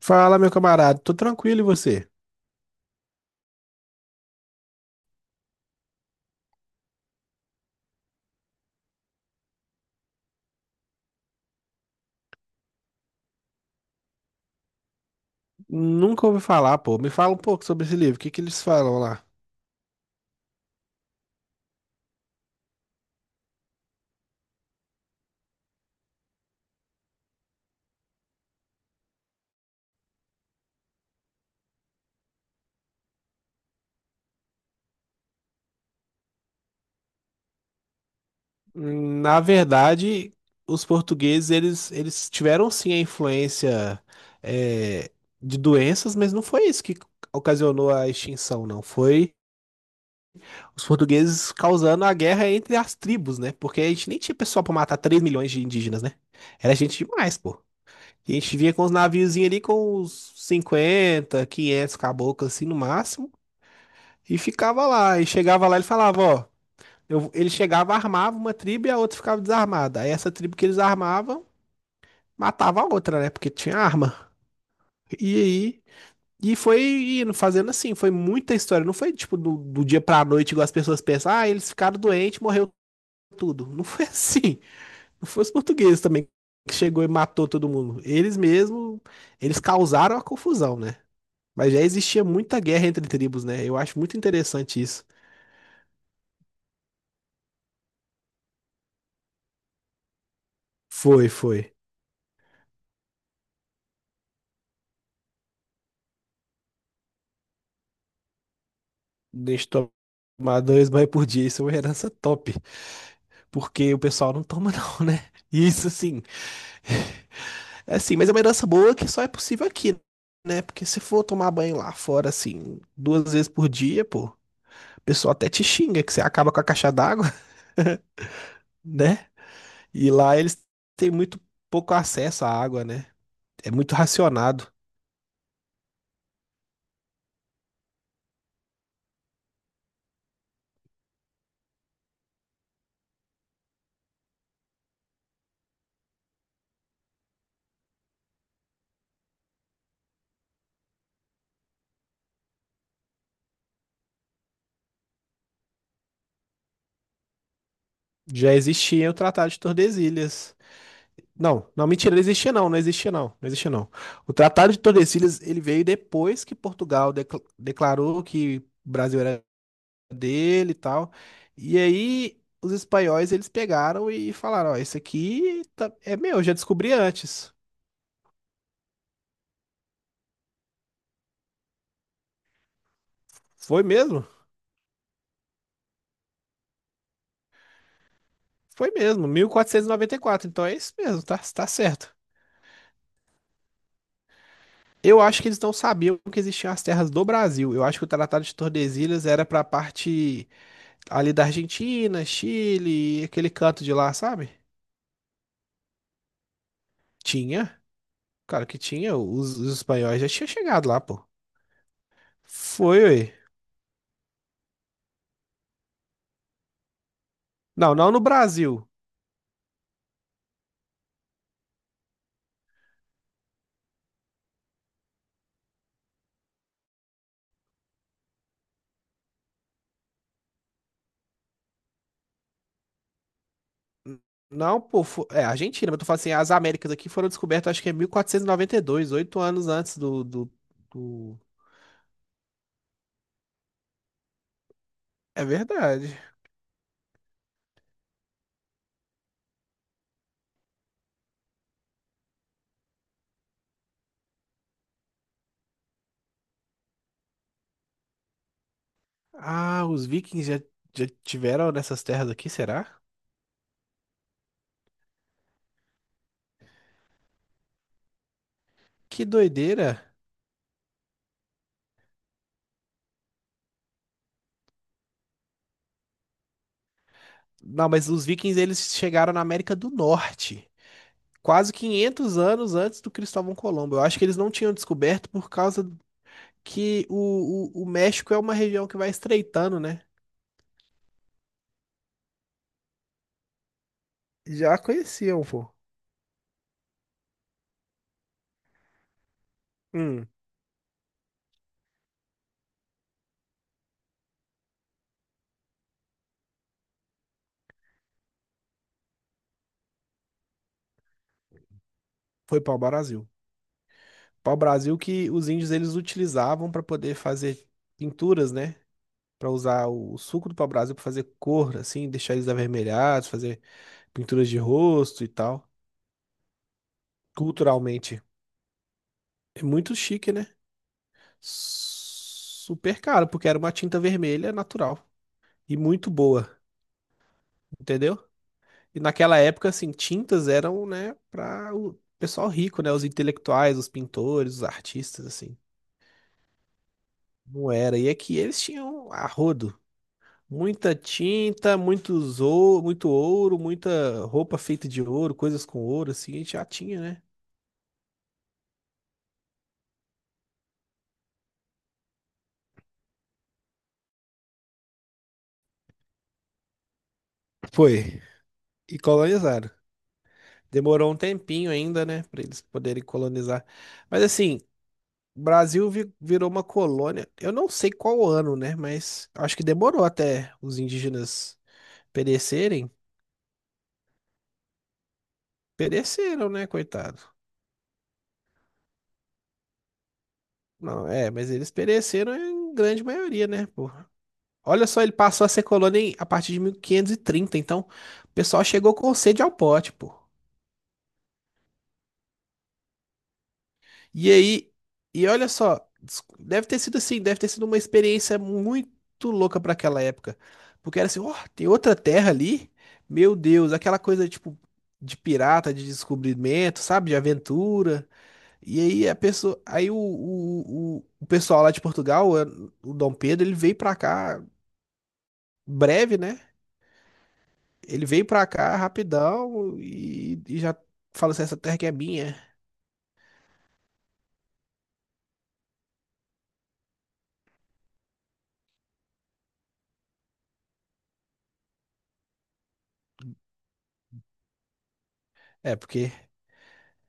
Fala, meu camarada, tô tranquilo e você? Nunca ouvi falar, pô. Me fala um pouco sobre esse livro, o que que eles falam lá? Na verdade, os portugueses, eles tiveram sim a influência é, de doenças, mas não foi isso que ocasionou a extinção, não. Foi os portugueses causando a guerra entre as tribos, né? Porque a gente nem tinha pessoal pra matar 3 milhões de indígenas, né? Era gente demais, pô. E a gente vinha com os naviozinhos ali com uns 50, 500 caboclos assim no máximo. E ficava lá, e chegava lá, ele falava, ó, ele chegava, armava uma tribo e a outra ficava desarmada. Aí essa tribo que eles armavam, matava a outra, né? Porque tinha arma. E aí, e foi indo, fazendo assim, foi muita história. Não foi tipo do dia pra noite, igual as pessoas pensam, ah, eles ficaram doentes, morreu tudo. Não foi assim. Não foi os portugueses também que chegou e matou todo mundo. Eles mesmo, eles causaram a confusão, né? Mas já existia muita guerra entre tribos, né? Eu acho muito interessante isso. Foi, foi. Deixa eu tomar dois banhos por dia, isso é uma herança top, porque o pessoal não toma não, né? Isso sim é assim, mas é uma herança boa que só é possível aqui, né? Porque se for tomar banho lá fora, assim, duas vezes por dia, pô, o pessoal até te xinga que você acaba com a caixa d'água, né? E lá eles têm muito pouco acesso à água, né? É muito racionado. Já existia o Tratado de Tordesilhas. Não, não, mentira, não existia não, não existia não, não existia não. O Tratado de Tordesilhas, ele veio depois que Portugal declarou que o Brasil era dele e tal. E aí os espanhóis, eles pegaram e falaram, ó, é meu, eu já descobri antes. Foi mesmo? Foi mesmo, mil quatrocentos e noventa e quatro. Então é isso mesmo, tá certo. Eu acho que eles não sabiam que existiam as terras do Brasil. Eu acho que o Tratado de Tordesilhas era pra parte ali da Argentina, Chile, aquele canto de lá, sabe? Tinha, claro que tinha. Os espanhóis já tinham chegado lá, pô. Foi, ué. Não, não no Brasil. N- Não, pô, é Argentina, mas eu tô falando assim, as Américas aqui foram descobertas, acho que é 1492, 8 anos antes do. É verdade. Ah, os vikings já, já tiveram nessas terras aqui, será? Que doideira. Não, mas os vikings, eles chegaram na América do Norte, quase 500 anos antes do Cristóvão Colombo. Eu acho que eles não tinham descoberto por causa que o México é uma região que vai estreitando, né? Já conheciam, pô. Hum, foi pau-brasil. Pau-brasil que os índios eles utilizavam para poder fazer pinturas, né? Para usar o suco do pau-brasil para fazer cor, assim, deixar eles avermelhados, fazer pinturas de rosto e tal. Culturalmente, é muito chique, né? Super caro, porque era uma tinta vermelha natural e muito boa, entendeu? E naquela época, assim, tintas eram, né, para o pessoal rico, né? Os intelectuais, os pintores, os artistas, assim. Não era. E é que eles tinham a rodo. Muita tinta, muito ouro, muita roupa feita de ouro, coisas com ouro, assim, a gente já tinha, né? Foi. E colonizaram. Demorou um tempinho ainda, né, para eles poderem colonizar. Mas assim, o Brasil virou uma colônia. Eu não sei qual ano, né, mas acho que demorou até os indígenas perecerem. Pereceram, né, coitado? Não, é, mas eles pereceram em grande maioria, né, porra? Olha só, ele passou a ser colônia a partir de 1530, então o pessoal chegou com sede ao pote, pô. E aí, e olha só, deve ter sido assim, deve ter sido uma experiência muito louca para aquela época. Porque era assim, ó, tem outra terra ali? Meu Deus, aquela coisa tipo de pirata, de descobrimento, sabe, de aventura. E aí a pessoa, aí o pessoal lá de Portugal, o Dom Pedro, ele veio pra cá breve, né? Ele veio pra cá rapidão e já falou assim, essa terra que é minha. É, porque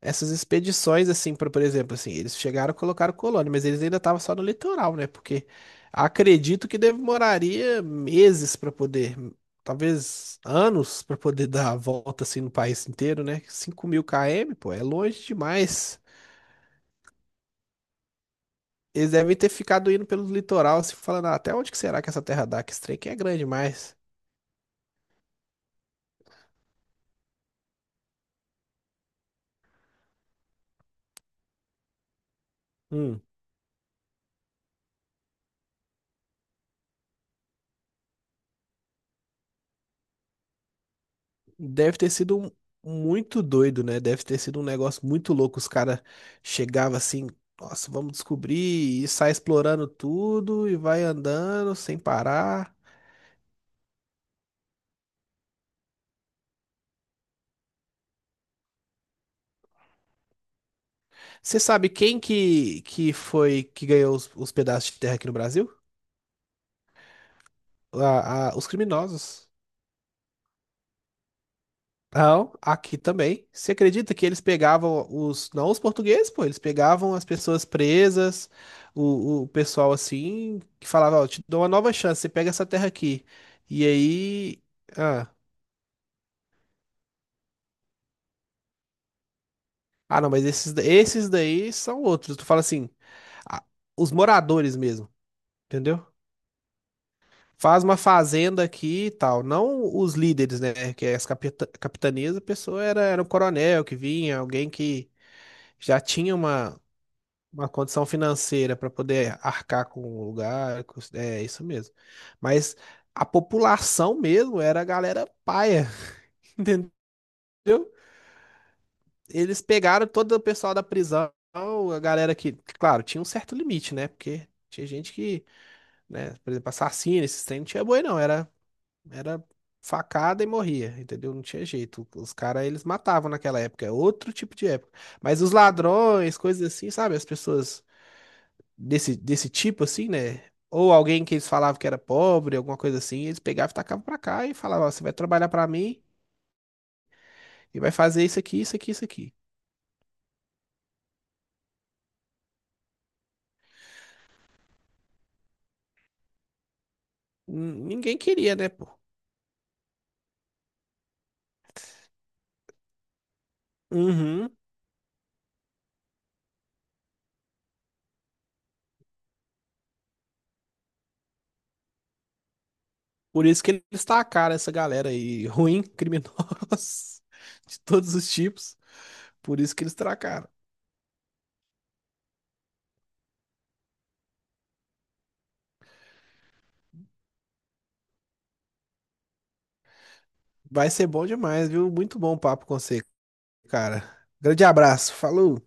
essas expedições, assim, por exemplo, assim, eles chegaram e colocaram colônia, mas eles ainda estavam só no litoral, né? Porque acredito que demoraria meses pra poder, talvez anos pra poder dar a volta, assim, no país inteiro, né? 5 mil km, pô, é longe demais. Eles devem ter ficado indo pelo litoral, assim, falando, "Ah, até onde que será que essa terra dá? Que esse trem aqui é grande demais." Hum, deve ter sido um- muito doido, né? Deve ter sido um negócio muito louco. Os caras chegavam assim, nossa, vamos descobrir, e sai explorando tudo e vai andando sem parar. Você sabe quem que foi que ganhou os pedaços de terra aqui no Brasil? Os criminosos. Não, aqui também. Você acredita que eles pegavam os, não os portugueses, pô, eles pegavam as pessoas presas, o pessoal assim, que falava, ó, te dou uma nova chance, você pega essa terra aqui. E aí, ah, ah, não, mas esses, esses daí são outros. Tu fala assim, ah, os moradores mesmo, entendeu? Faz uma fazenda aqui e tal, não os líderes, né, que é as capitanias, a pessoa era, era um coronel que vinha, alguém que já tinha uma condição financeira para poder arcar com o lugar, é isso mesmo. Mas a população mesmo era a galera paia, entendeu? Eles pegaram todo o pessoal da prisão, a galera que, claro, tinha um certo limite, né? Porque tinha gente que, né, por exemplo, assassino, esses trem não tinha boi não, era facada e morria, entendeu? Não tinha jeito. Os caras eles matavam naquela época, é outro tipo de época. Mas os ladrões, coisas assim, sabe? As pessoas desse tipo, assim, né? Ou alguém que eles falavam que era pobre, alguma coisa assim, eles pegavam e tacavam pra cá e falavam, ó, você vai trabalhar pra mim e vai fazer isso aqui, isso aqui, isso aqui. Ninguém queria, né, pô? Uhum. Por isso que eles tacaram essa galera aí, ruim, criminosos, de todos os tipos. Por isso que eles tacaram. Vai ser bom demais, viu? Muito bom o papo com você, cara. Grande abraço, falou!